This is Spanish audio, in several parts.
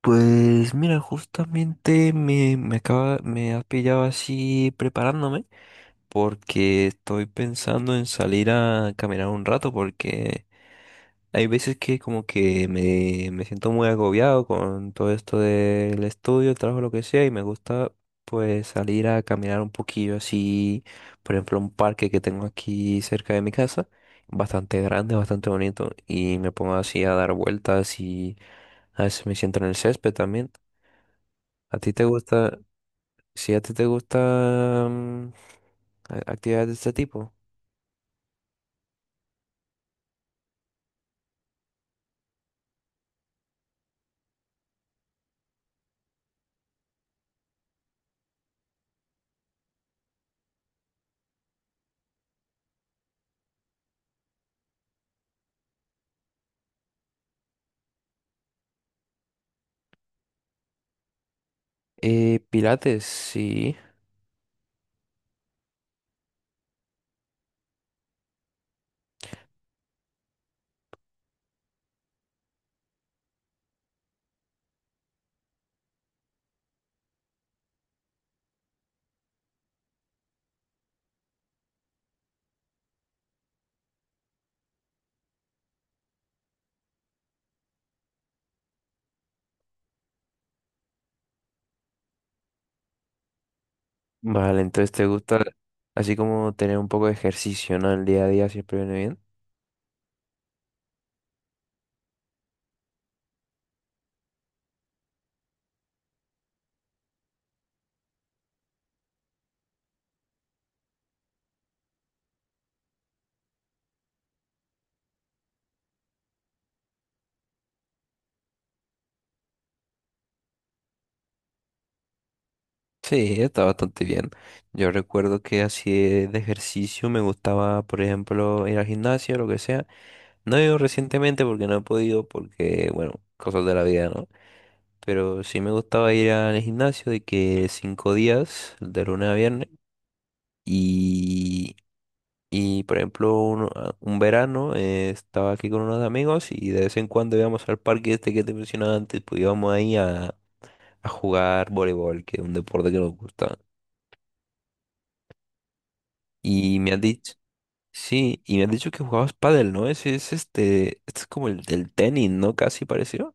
Pues mira, justamente me ha pillado así preparándome porque estoy pensando en salir a caminar un rato porque hay veces que como que me siento muy agobiado con todo esto del estudio, el trabajo, lo que sea y me gusta pues salir a caminar un poquillo así, por ejemplo, un parque que tengo aquí cerca de mi casa, bastante grande, bastante bonito y me pongo así a dar vueltas y a veces me siento en el césped también. ¿A ti te gusta, si a ti te gustan actividades de este tipo? Pilates, sí. Vale, entonces te gusta así como tener un poco de ejercicio, ¿no? El día a día siempre viene bien. Sí, está bastante bien. Yo recuerdo que así de ejercicio me gustaba, por ejemplo, ir al gimnasio, lo que sea. No he ido recientemente porque no he podido, porque, bueno, cosas de la vida, ¿no? Pero sí me gustaba ir al gimnasio de que cinco días, de lunes a viernes. Y por ejemplo, un verano, estaba aquí con unos amigos y de vez en cuando íbamos al parque este que te mencionaba antes, pues íbamos ahí a jugar voleibol, que es un deporte que nos gusta. Y me han dicho, sí, y me han dicho que jugabas pádel, ¿no? Ese es este, este es como el del tenis, ¿no? Casi pareció.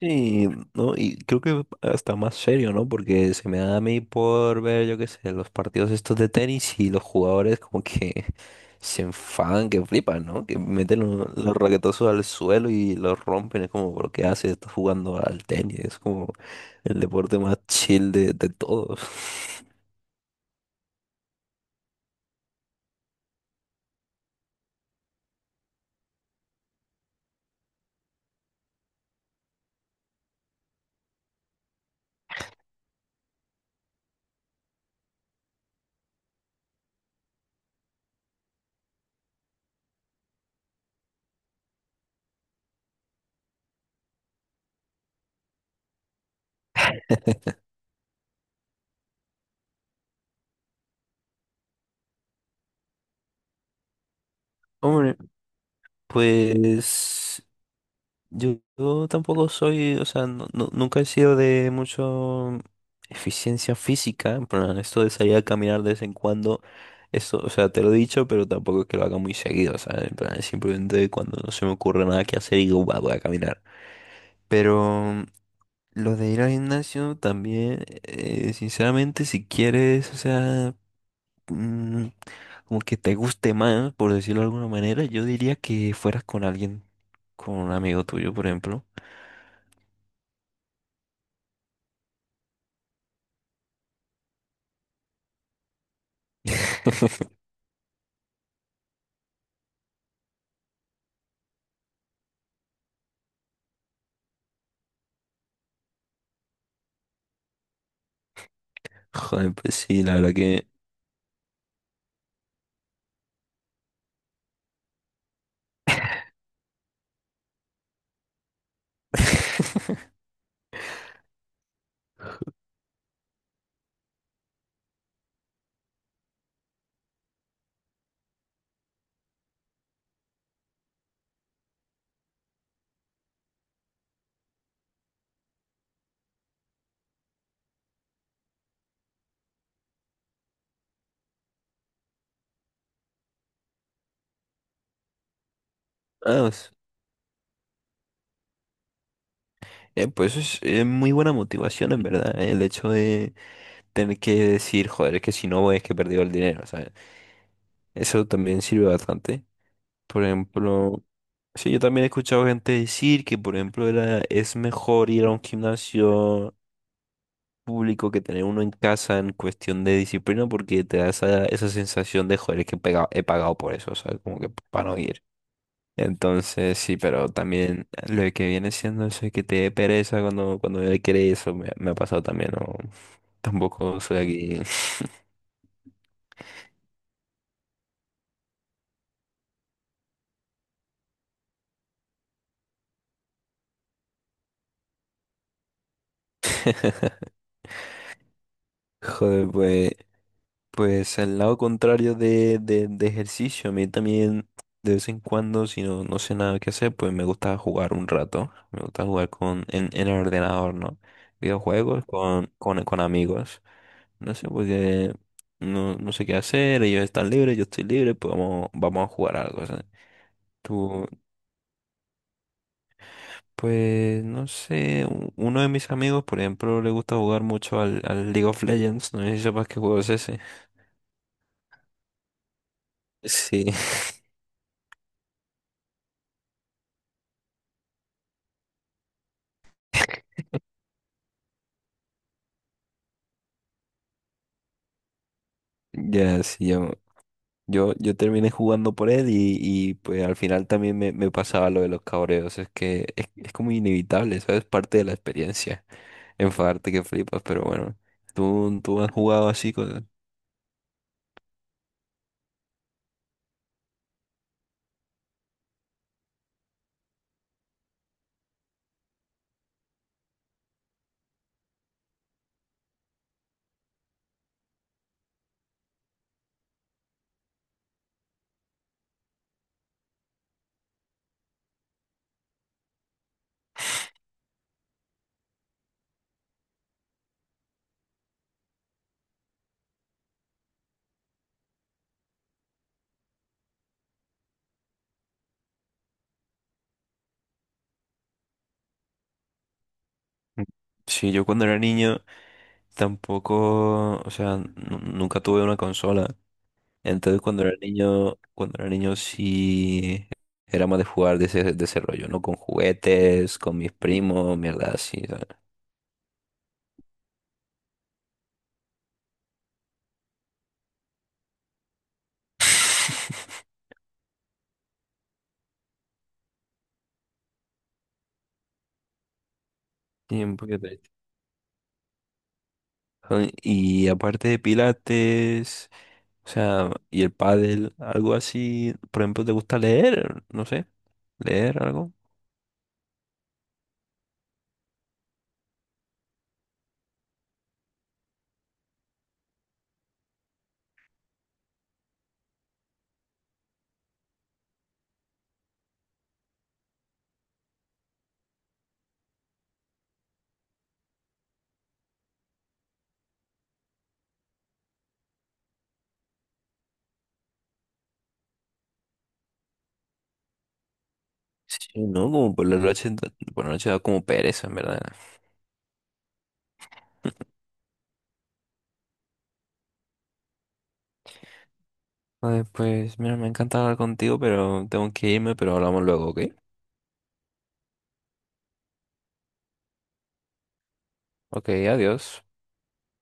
Sí, ¿no? Y creo que hasta más serio, ¿no? Porque se me da a mí por ver, yo qué sé, los partidos estos de tenis y los jugadores como que se enfadan, que flipan, ¿no? Que meten los raquetazos al suelo y los rompen. Es como, ¿por qué haces? Estás jugando al tenis. Es como el deporte más chill de todos. Hombre, pues... yo tampoco soy, o sea, nunca he sido de mucho eficiencia física, en plan, esto de salir a caminar de vez en cuando, eso, o sea, te lo he dicho, pero tampoco es que lo haga muy seguido, ¿sabes? En plan, simplemente cuando no se me ocurre nada que hacer y digo, "Buah, voy a caminar". Pero lo de ir al gimnasio también, sinceramente, si quieres, o sea, mm, como que te guste más, por decirlo de alguna manera, yo diría que fueras con alguien, con un amigo tuyo, por ejemplo. Joder, pues sí, la verdad que... Vamos, pues es muy buena motivación en verdad, el hecho de tener que decir, joder, es que si no voy es que he perdido el dinero, ¿sabes? Eso también sirve bastante. Por ejemplo, sí, yo también he escuchado gente decir que, por ejemplo, era, es mejor ir a un gimnasio público que tener uno en casa en cuestión de disciplina porque te da esa, esa sensación de, joder, es que he pagado por eso, ¿sabes? Como que para no ir. Entonces, sí, pero también lo que viene siendo eso de que te dé pereza cuando, cuando él quiere eso, me ha pasado también, ¿no? Tampoco soy aquí. Joder, pues, pues el lado contrario de ejercicio, a mí también de vez en cuando, si no, no sé nada que hacer, pues me gusta jugar un rato. Me gusta jugar en el ordenador, ¿no? Videojuegos con amigos. No sé, porque no, no sé qué hacer, ellos están libres, yo estoy libre, pues vamos, vamos a jugar algo, ¿sabes? Pues no sé, uno de mis amigos, por ejemplo, le gusta jugar mucho al League of Legends, no sé si sepas qué juego es ese. Sí, ya, sí, yo terminé jugando por él y, pues al final también me pasaba lo de los cabreos, es que es como inevitable, ¿sabes? Parte de la experiencia, enfadarte que flipas, pero bueno, tú has jugado así con... Sí, yo cuando era niño tampoco, o sea, nunca tuve una consola. Entonces cuando era niño sí era más de jugar de ese rollo, ¿no? Con juguetes, con mis primos, mierda así, ¿sabes? Sí, un poquito de... Ay, y aparte de pilates, o sea, y el pádel, algo así, por ejemplo, ¿te gusta leer? No sé, leer algo. Sí, no, como por la noche, por la noche da como pereza, en verdad. Vale, pues mira, me encanta hablar contigo, pero tengo que irme, pero hablamos luego, ¿ok? Ok, adiós.